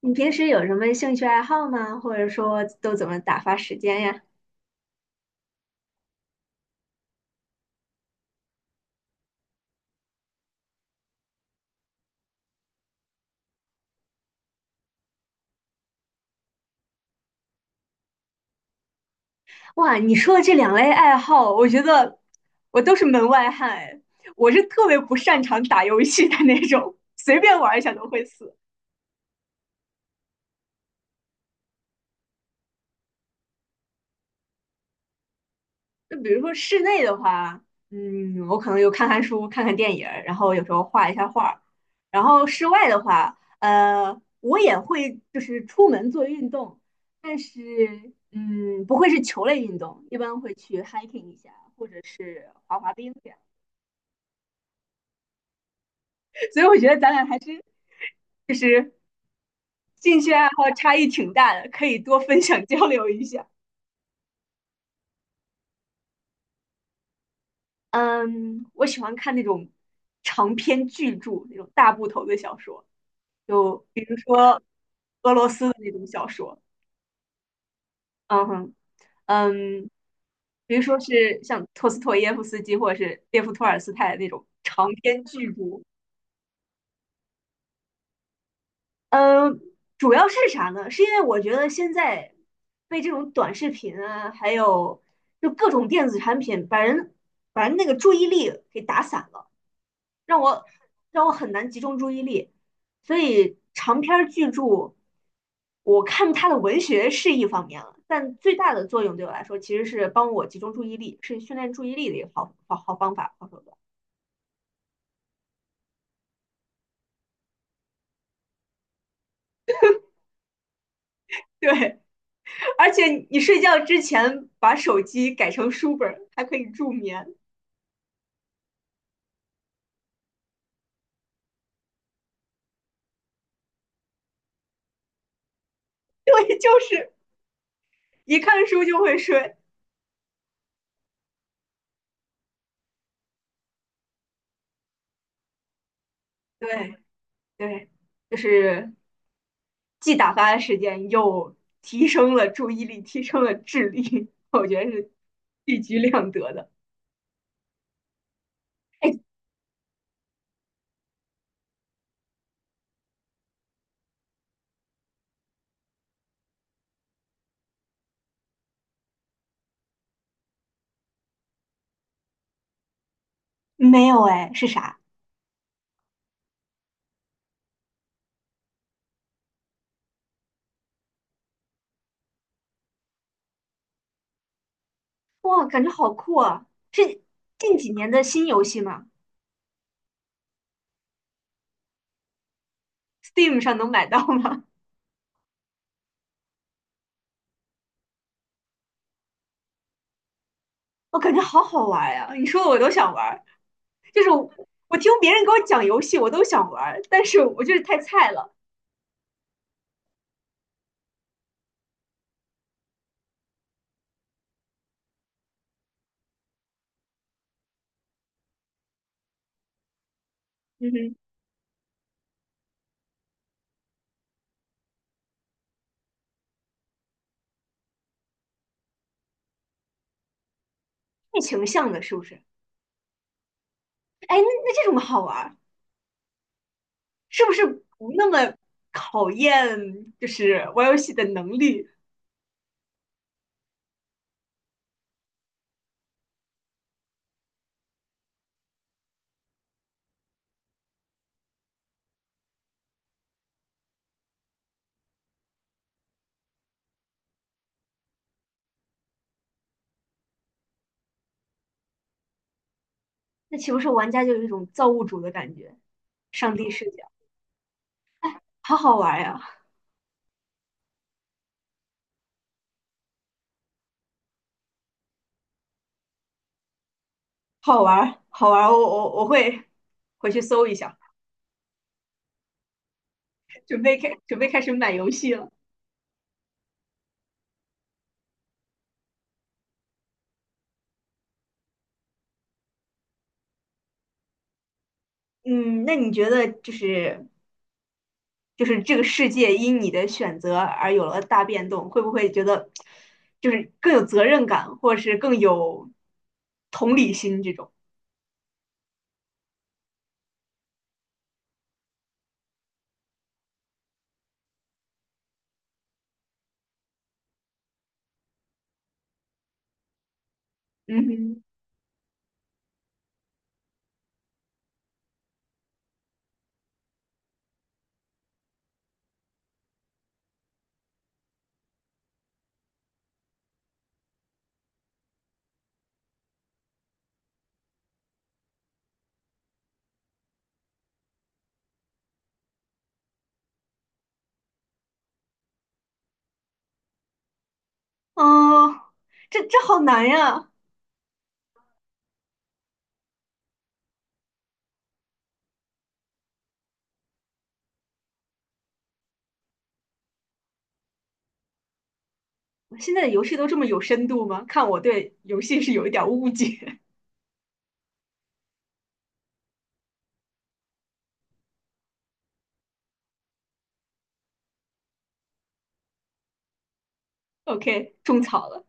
你平时有什么兴趣爱好吗？或者说都怎么打发时间呀？哇，你说的这两类爱好，我觉得我都是门外汉哎，我是特别不擅长打游戏的那种，随便玩一下都会死。就比如说室内的话，嗯，我可能有看看书、看看电影儿，然后有时候画一下画儿。然后室外的话，我也会就是出门做运动，但是嗯，不会是球类运动，一般会去 hiking 一下，或者是滑滑冰这样。所以我觉得咱俩还真是兴趣爱好差异挺大的，可以多分享交流一下。嗯，我喜欢看那种长篇巨著，那种大部头的小说。就比如说俄罗斯的那种小说，嗯哼，嗯，比如说是像托斯托耶夫斯基或者是列夫托尔斯泰的那种长篇巨著。嗯，主要是啥呢？是因为我觉得现在被这种短视频啊，还有就各种电子产品，把人那个注意力给打散了。让我让我很难集中注意力。所以长篇儿巨著，我看它的文学是一方面了，但最大的作用对我来说其实是帮我集中注意力，是训练注意力的一个好方法、好手段。对，而且你睡觉之前把手机改成书本儿，还可以助眠。对，就是一看书就会睡。对对，就是既打发了时间，又提升了注意力，提升了智力，我觉得是一举两得的。没有哎，是啥？哇，感觉好酷啊！是近几年的新游戏吗？Steam 上能买到吗？我感觉好好玩呀、你说我都想玩儿，就是我听别人给我讲游戏，我都想玩儿，但是我就是太菜了。嗯哼，剧情向的是不是？哎，那这种好玩儿，是不是不那么考验就是玩游戏的能力？那岂不是玩家就有一种造物主的感觉，上帝视角，好好玩呀，好玩好玩我会回去搜一下，准备开始买游戏了。嗯，那你觉得就是这个世界因你的选择而有了大变动，会不会觉得就是更有责任感，或者是更有同理心这种？嗯哼，嗯，这好难呀！现在的游戏都这么有深度吗？看我对游戏是有一点儿误解。OK,种草了。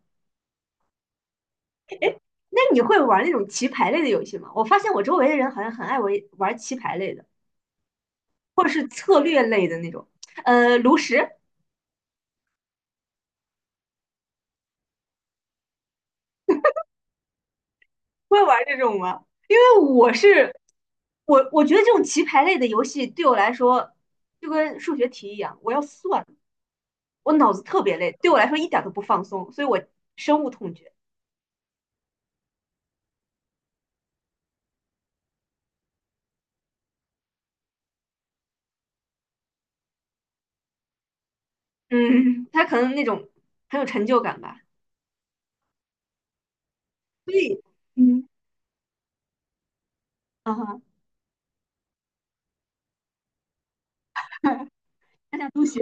那你会玩那种棋牌类的游戏吗？我发现我周围的人好像很爱玩棋牌类的，或者是策略类的那种。炉石会玩这种吗？因为我是我，我觉得这种棋牌类的游戏对我来说就跟数学题一样，我要算，我脑子特别累，对我来说一点儿都不放松，所以我深恶痛绝。嗯，他可能那种很有成就感吧。所以，嗯，啊哈，大家都喜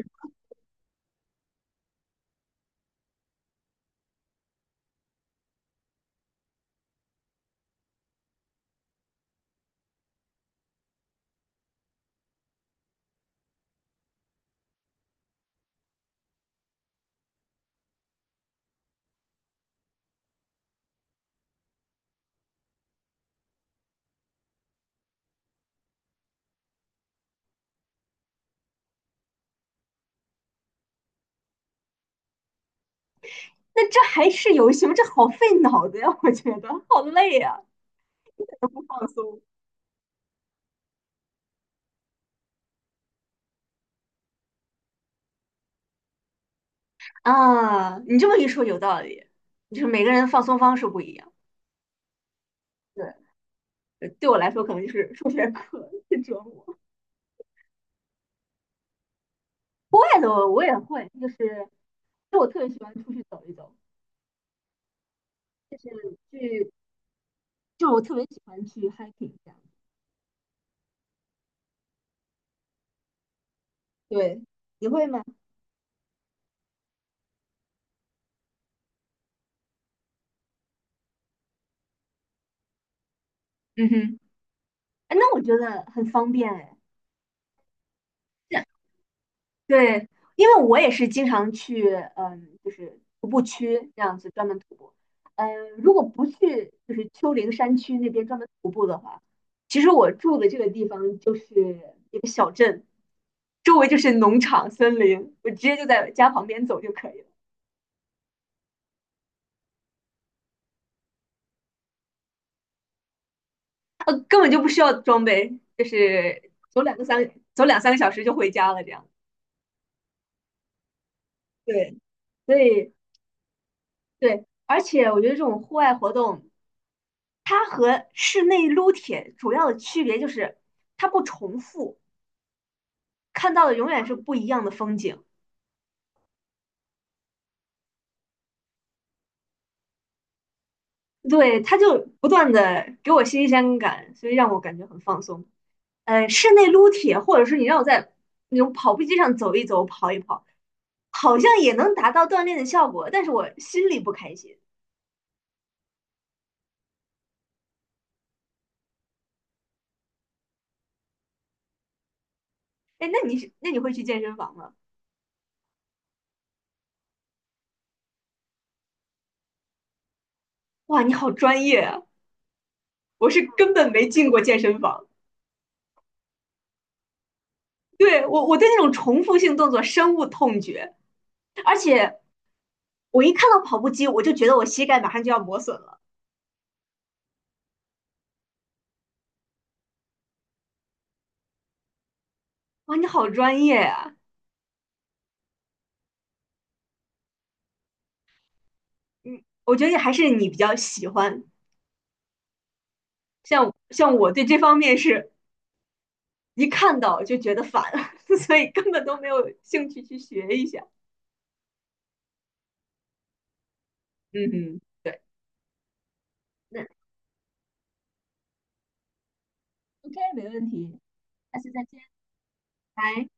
那这还是游戏吗？这好费脑子呀，我觉得好累呀，不放松。啊，你这么一说有道理，就是每个人放松方式不一样。对，对我来说可能就是数学课是折磨，户外的我也会，就是就我特别喜欢出去走一走，去就是我特别喜欢去 hiking 这样。对，你会吗？嗯哼，哎，那我觉得很方便哎。对，因为我也是经常去，嗯，就是徒步区这样子专门徒步。嗯，如果不去就是丘陵山区那边专门徒步的话，其实我住的这个地方就是一个小镇，周围就是农场、森林，我直接就在家旁边走就可以了，根本就不需要装备，就是走两三个小时就回家了这样。对，所以对，而且我觉得这种户外活动。它和室内撸铁主要的区别就是它不重复，看到的永远是不一样的风景。对，它就不断的给我新鲜感，所以让我感觉很放松。室内撸铁，或者是你让我在那种跑步机上走一走、跑一跑，好像也能达到锻炼的效果，但是我心里不开心。哎，那你会去健身房吗？哇，你好专业啊！我是根本没进过健身房。对，我对那种重复性动作深恶痛绝，而且我一看到跑步机，我就觉得我膝盖马上就要磨损了。哇，你好专业呀！嗯，我觉得还是你比较喜欢，像我对这方面是一看到就觉得烦，所以根本都没有兴趣去学一下。嗯哼，对，那 OK,没问题，下次再见。拜。